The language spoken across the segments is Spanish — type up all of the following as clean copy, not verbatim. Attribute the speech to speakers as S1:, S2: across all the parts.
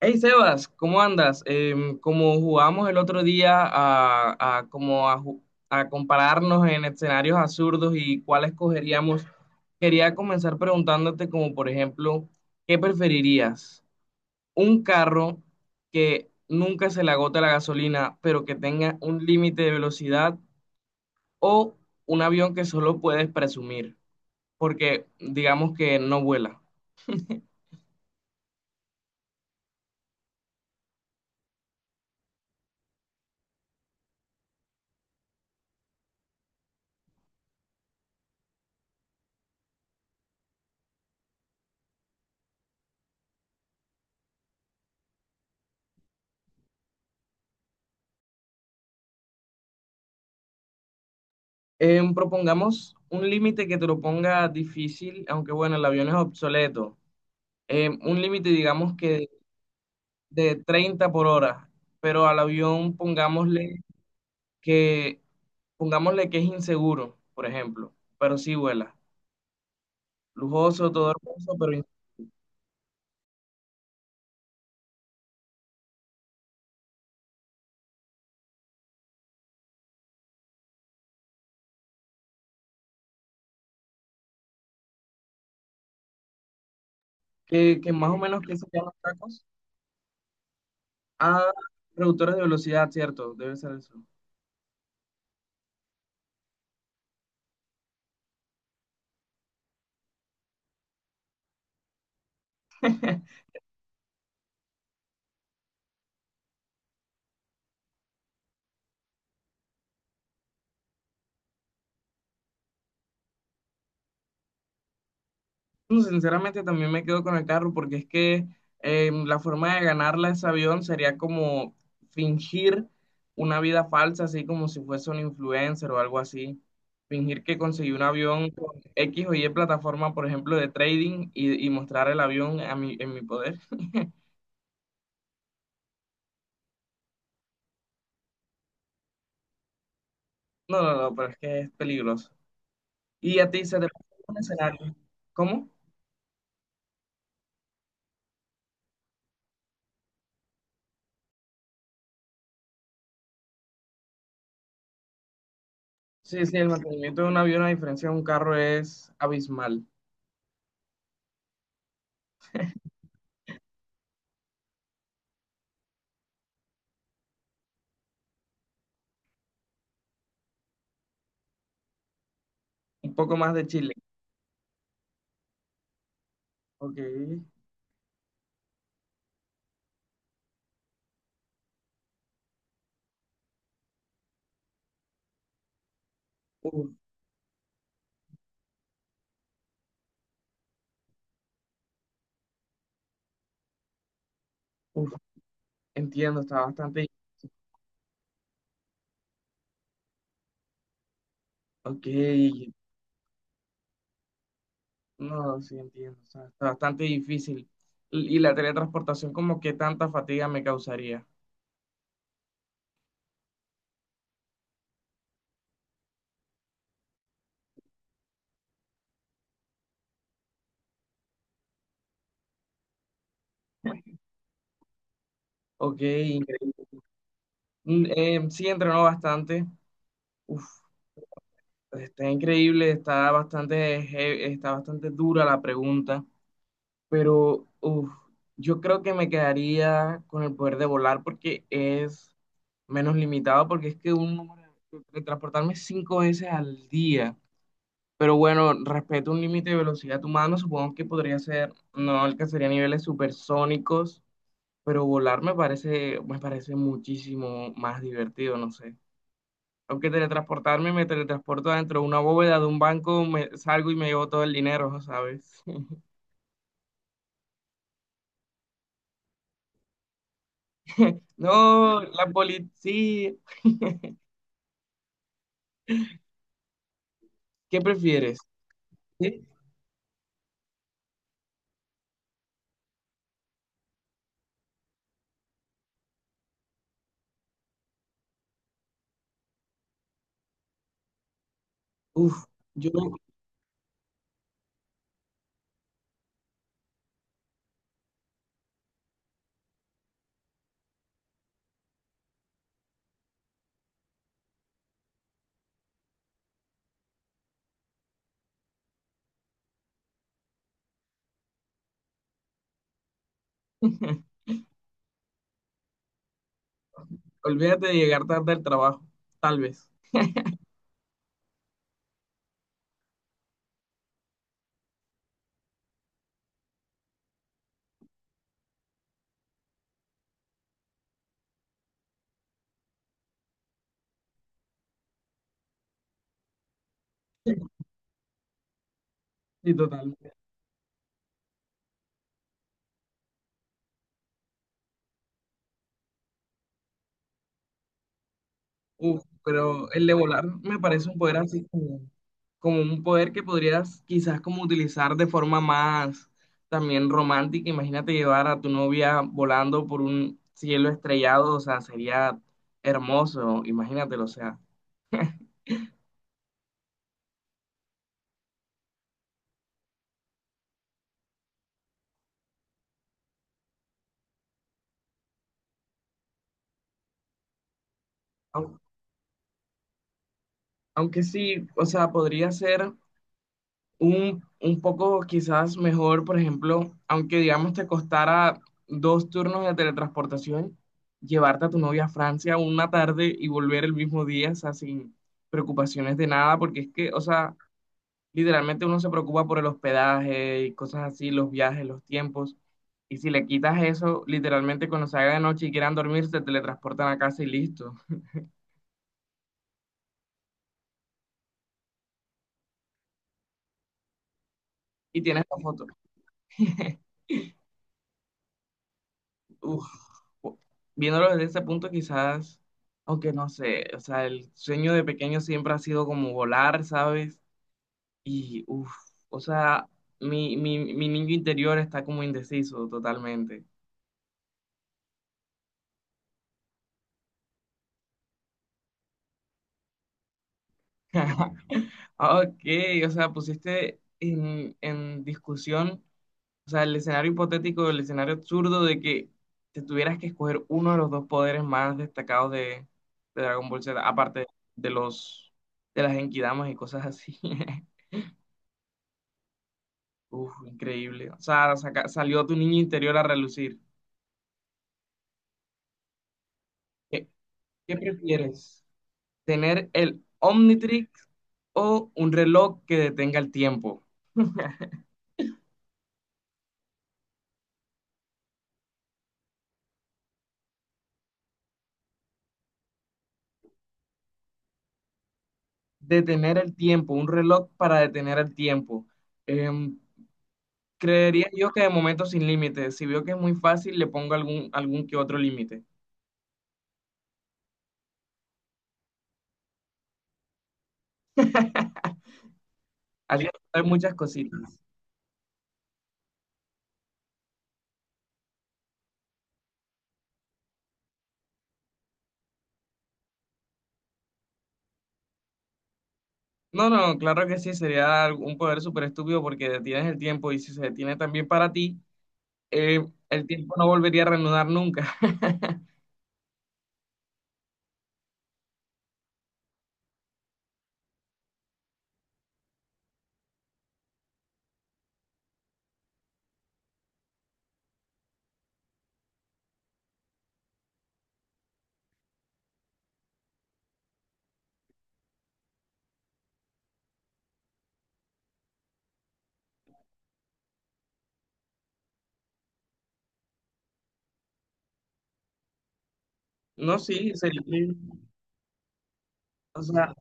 S1: Hey Sebas, ¿cómo andas? Como jugamos el otro día a como a, ju- a compararnos en escenarios absurdos y cuál escogeríamos, quería comenzar preguntándote como por ejemplo, ¿qué preferirías? ¿Un carro que nunca se le agota la gasolina, pero que tenga un límite de velocidad o un avión que solo puedes presumir, porque digamos que no vuela? Propongamos un límite que te lo ponga difícil, aunque bueno, el avión es obsoleto. Un límite, digamos que de 30 por hora, pero al avión que, pongámosle que es inseguro, por ejemplo, pero sí vuela. Lujoso, todo hermoso, pero que más o menos que se llaman tacos. Ah, reductores de velocidad, cierto, debe ser eso. No, sinceramente también me quedo con el carro porque es que la forma de ganarla ese avión sería como fingir una vida falsa, así como si fuese un influencer o algo así. Fingir que conseguí un avión con X o Y plataforma, por ejemplo, de trading y mostrar el avión a mi, en mi poder. No, no, no, pero es que es peligroso. ¿Y a ti se te presenta un escenario? ¿Cómo? Sí, sí, el mantenimiento de un avión a diferencia de un carro es abismal. Un poco más de Chile. Ok. Uf, uf. Entiendo, está bastante... Ok, no, sí entiendo, o sea, está bastante difícil. Y la teletransportación como que tanta fatiga me causaría. Ok, increíble. Mm, sí, entrenó bastante. Uf, está increíble, está bastante dura la pregunta, pero uf, yo creo que me quedaría con el poder de volar porque es menos limitado, porque es que un número, teletransportarme cinco veces al día. Pero bueno, respecto a un límite de velocidad humano, supongo que podría ser, no alcanzaría niveles supersónicos, pero volar me parece muchísimo más divertido, no sé. Aunque teletransportarme, me teletransporto dentro de una bóveda de un banco, me salgo y me llevo todo el dinero, ¿sabes? No, la policía. ¿Qué prefieres? ¿Sí? Uf, yo, olvídate de llegar tarde al trabajo, tal vez. Sí, total. Uf, pero el de volar me parece un poder así como un poder que podrías quizás como utilizar de forma más también romántica. Imagínate llevar a tu novia volando por un cielo estrellado, o sea, sería hermoso, imagínatelo, o sea. Au- Aunque sí, o sea, podría ser un poco quizás mejor, por ejemplo, aunque digamos te costara dos turnos de teletransportación, llevarte a tu novia a Francia una tarde y volver el mismo día, o sea, sin preocupaciones de nada, porque es que, o sea, literalmente uno se preocupa por el hospedaje y cosas así, los viajes, los tiempos. Y si le quitas eso, literalmente cuando se haga de noche y quieran dormir, se teletransportan a casa y listo. Y tienes la foto. Uf. Viéndolo desde ese punto, quizás, aunque no sé, o sea, el sueño de pequeño siempre ha sido como volar, ¿sabes? Y, uff, o sea, mi niño interior está como indeciso totalmente. Ok, o sea, pusiste en discusión, o sea, el escenario hipotético, el escenario absurdo de que te tuvieras que escoger uno de los dos poderes más destacados de Dragon Ball Z, aparte de los de las Genkidamas y cosas así. Uf, increíble. O sea, salió tu niño interior a relucir. ¿Qué, qué prefieres? ¿Tener el Omnitrix o un reloj que detenga el tiempo? Detener el tiempo, un reloj para detener el tiempo. Em, Creería yo que de momento sin límites. Si veo que es muy fácil, le pongo algún que otro límite. Así hay muchas cositas. No, no, claro que sí, sería un poder súper estúpido porque detienes el tiempo y si se detiene también para ti, eh, el tiempo no volvería a reanudar nunca. No, sí, sería, o sea,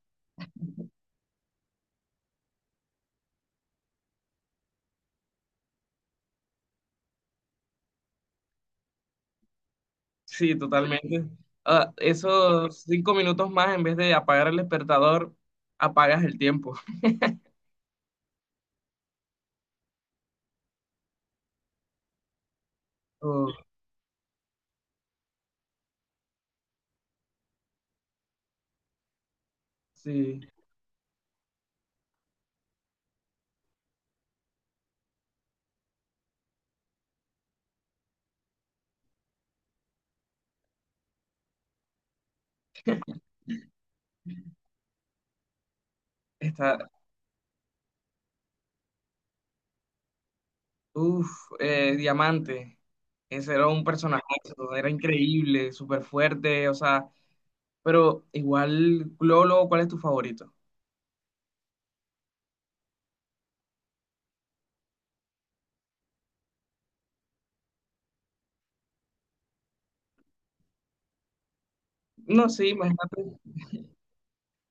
S1: sí, totalmente. Ah, esos 5 minutos más, en vez de apagar el despertador, apagas el tiempo. Oh. Sí, está, uff, Diamante, ese era un personaje, era increíble, súper fuerte, o sea, pero igual, Lolo, ¿cuál es tu favorito? No, sí, imagínate,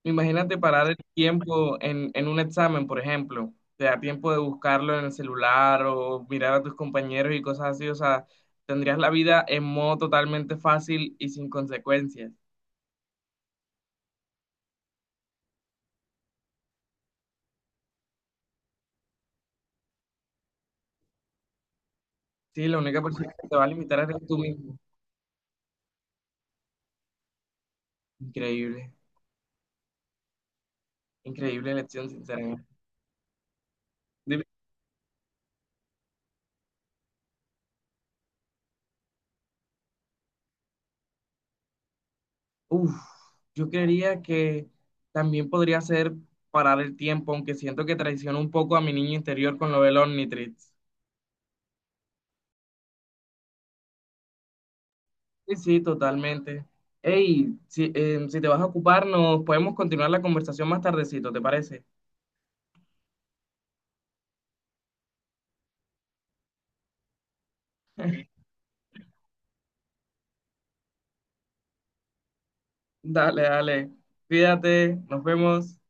S1: imagínate parar el tiempo en un examen, por ejemplo, te da tiempo de buscarlo en el celular o mirar a tus compañeros y cosas así, o sea, tendrías la vida en modo totalmente fácil y sin consecuencias. Sí, la única persona que te va a limitar eres tú mismo. Increíble, increíble elección, sinceramente. Dime- Uf, yo creería que también podría ser parar el tiempo, aunque siento que traiciono un poco a mi niño interior con lo del Omnitrix. Sí, sí, totalmente. Hey, si te vas a ocupar, nos podemos continuar la conversación más tardecito, ¿te parece? Dale, dale. Cuídate, nos vemos.